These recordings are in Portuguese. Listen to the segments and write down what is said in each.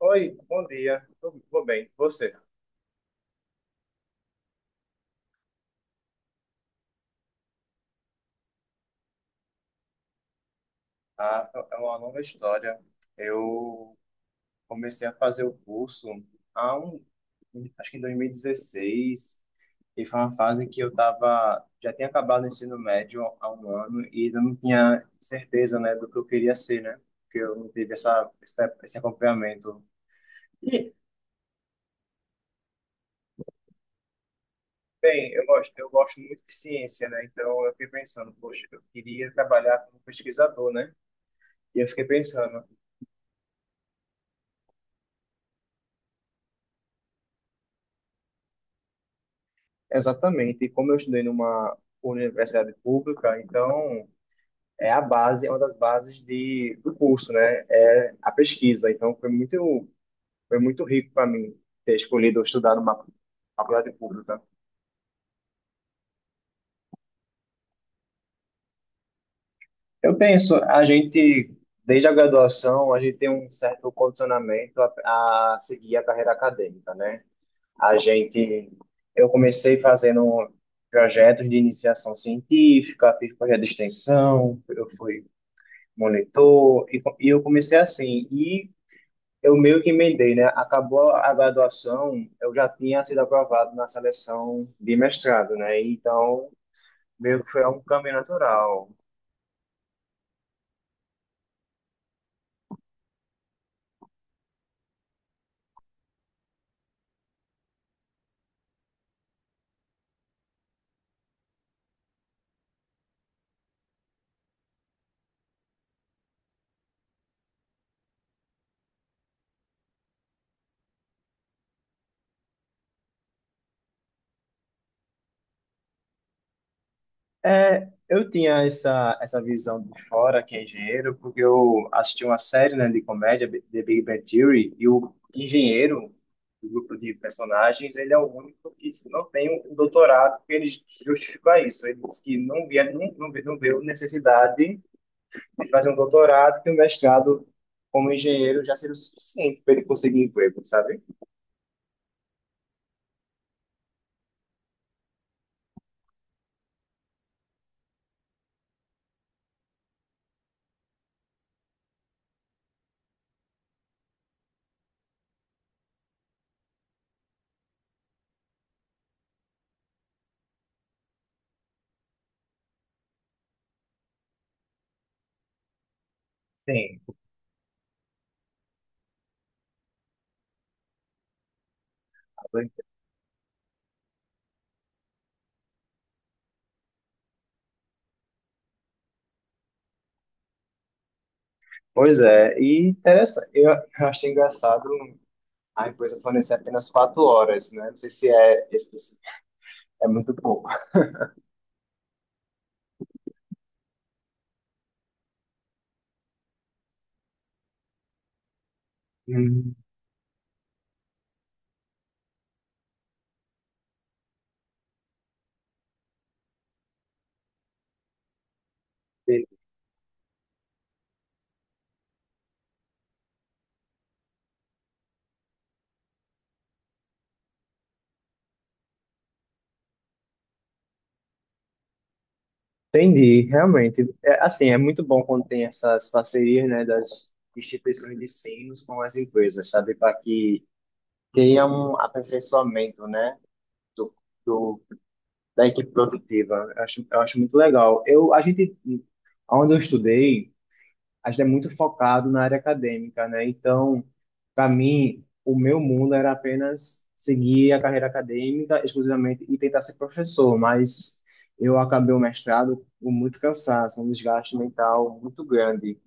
Oi, bom dia. Tudo bem? Você? Ah, é uma longa história. Eu comecei a fazer o curso há um, acho que em 2016, e dezesseis, e foi uma fase que eu tava, já tinha acabado o ensino médio há um ano e eu não tinha certeza, né, do que eu queria ser, né? Porque eu não tive essa, esse acompanhamento. E, bem, eu gosto muito de ciência, né? Então eu fiquei pensando, poxa, eu queria trabalhar como pesquisador, né? E eu fiquei pensando, exatamente. E como eu estudei numa universidade pública, então é a base, é uma das bases do curso, né? É a pesquisa. Então foi muito rico para mim ter escolhido estudar numa faculdade pública. Eu penso, a gente, desde a graduação, a gente tem um certo condicionamento a seguir a carreira acadêmica, né? A gente, eu comecei fazendo projetos de iniciação científica, fiz projeto de extensão, eu fui monitor, e eu comecei assim, e eu meio que emendei, né? Acabou a graduação, eu já tinha sido aprovado na seleção de mestrado, né? Então, meio que foi um caminho natural. É, eu tinha essa, essa visão de fora, que é engenheiro, porque eu assisti uma série, né, de comédia, The Big Bang Theory, e o engenheiro do grupo de personagens, ele é o único que não tem um doutorado, porque ele justifica isso. Ele disse que não via, não viu necessidade ele fazer um doutorado e um mestrado como engenheiro já seria o suficiente para ele conseguir emprego, sabe? Sim. Pois é, e interessante. Eu achei engraçado a empresa fornecer apenas 4 horas, né? Não sei se é, é muito pouco. Hum, Entendi, realmente. É, assim, é muito bom quando tem essas parcerias, né, das instituições de ensino com as empresas, sabe? Para que tenha um aperfeiçoamento, né, do, da equipe produtiva. Eu acho muito legal. Eu, a gente, onde eu estudei, a gente é muito focado na área acadêmica, né? Então, para mim, o meu mundo era apenas seguir a carreira acadêmica exclusivamente e tentar ser professor, mas eu acabei o mestrado com muito cansaço, um desgaste mental muito grande.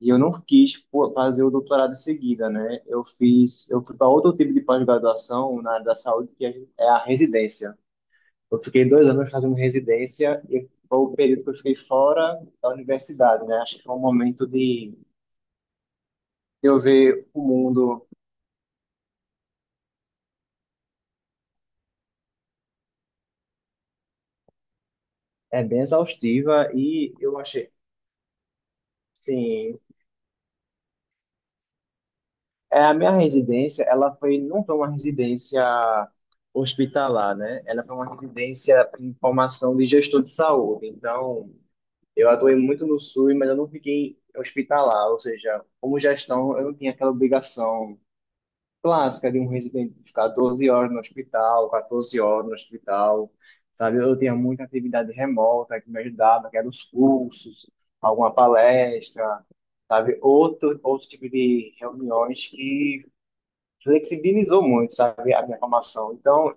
E eu não quis pô, fazer o doutorado em seguida, né? Eu fiz, eu fui para outro tipo de pós-graduação na área da saúde, que é a residência. Eu fiquei 2 anos fazendo residência e foi o período que eu fiquei fora da universidade, né? Acho que foi um momento de eu ver o mundo é bem exaustiva e eu achei, sim, é a minha residência, ela foi não foi uma residência hospitalar, né? Ela foi uma residência em formação de gestor de saúde. Então, eu atuei muito no SUS, mas eu não fiquei hospitalar, ou seja, como gestão, eu não tinha aquela obrigação clássica de um residente ficar 12 horas no hospital, 14 horas no hospital, sabe? Eu tinha muita atividade remota que me ajudava, que eram os cursos, alguma palestra, sabe? Outro, outro tipo de reuniões que flexibilizou muito, sabe? A minha formação. Então,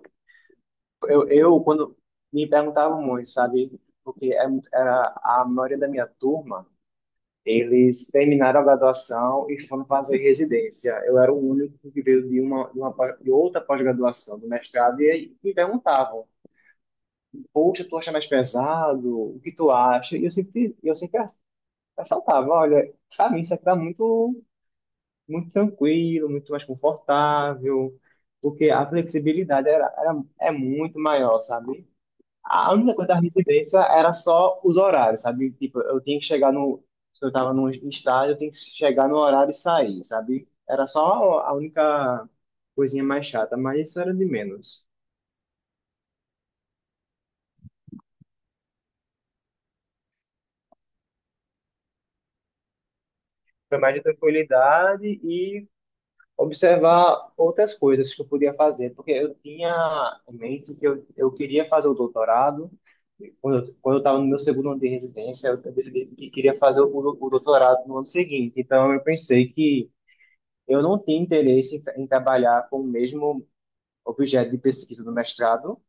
eu quando me perguntavam muito, sabe? Porque é- Era a maioria da minha turma, eles terminaram a graduação e foram fazer residência. Eu era o único que veio de uma pós- de outra pós-graduação, do mestrado, e aí me perguntavam: poxa, tu acha mais pesado? O que tu acha? E eu sempre ressaltava: olha, para mim isso aqui está muito, muito tranquilo, muito mais confortável, porque a flexibilidade era, é muito maior, sabe? A única coisa da residência era só os horários, sabe? Tipo, eu tinha que chegar no. Se eu tava no estádio, eu tinha que chegar no horário e sair, sabe? Era só a única coisinha mais chata, mas isso era de menos. Foi mais de tranquilidade e observar outras coisas que eu podia fazer, porque eu tinha em mente que eu queria fazer o doutorado. Quando eu estava no meu segundo ano de residência, eu decidi que queria fazer o doutorado no ano seguinte. Então, eu pensei que eu não tinha interesse em trabalhar com o mesmo objeto de pesquisa do mestrado.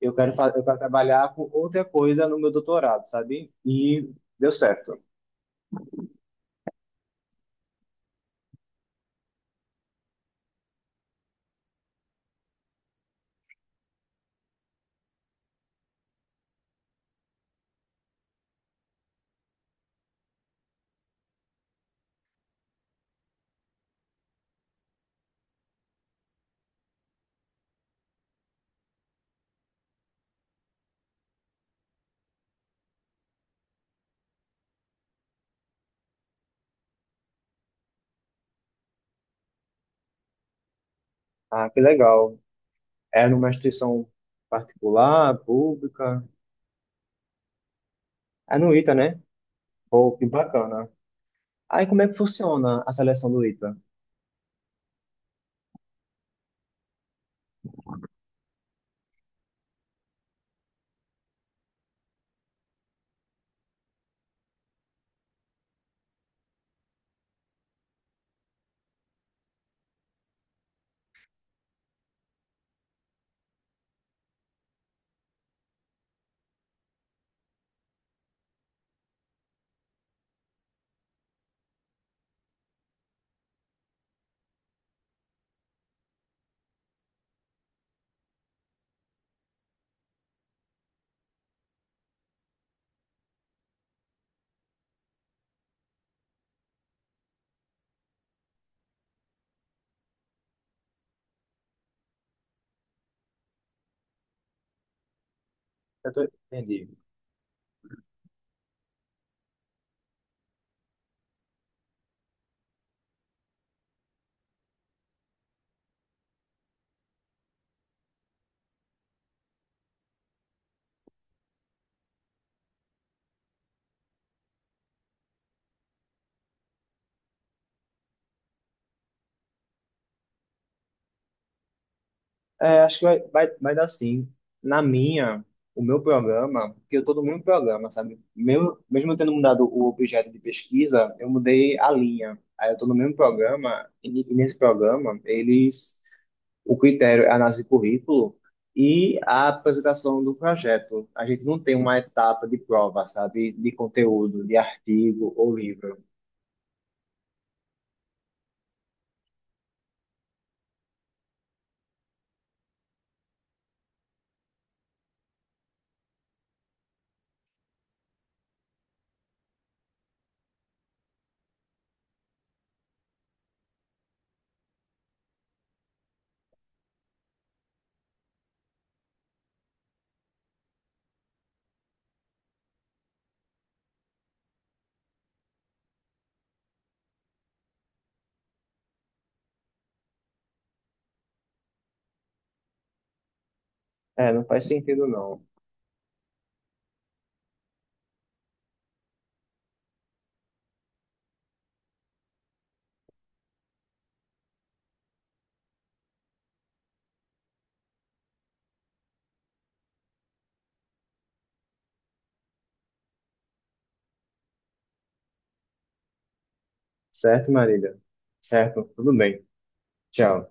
Eu quero trabalhar com outra coisa no meu doutorado, sabe? E deu certo. Ah, que legal. Era numa instituição particular, pública. É no ITA, né? Pô, que bacana. Aí como é que funciona a seleção do ITA? Eu tô... Entendi. É, acho que vai, vai, vai dar sim. Na minha, o meu programa, porque eu tô no mesmo programa, sabe? Meu, mesmo eu tendo mudado o objeto de pesquisa, eu mudei a linha. Aí eu tô no mesmo programa, e nesse programa, eles, o critério é a análise de currículo e a apresentação do projeto. A gente não tem uma etapa de prova, sabe? De conteúdo, de artigo ou livro. É, não faz sentido não. Certo, Marília? Certo, tudo bem. Tchau.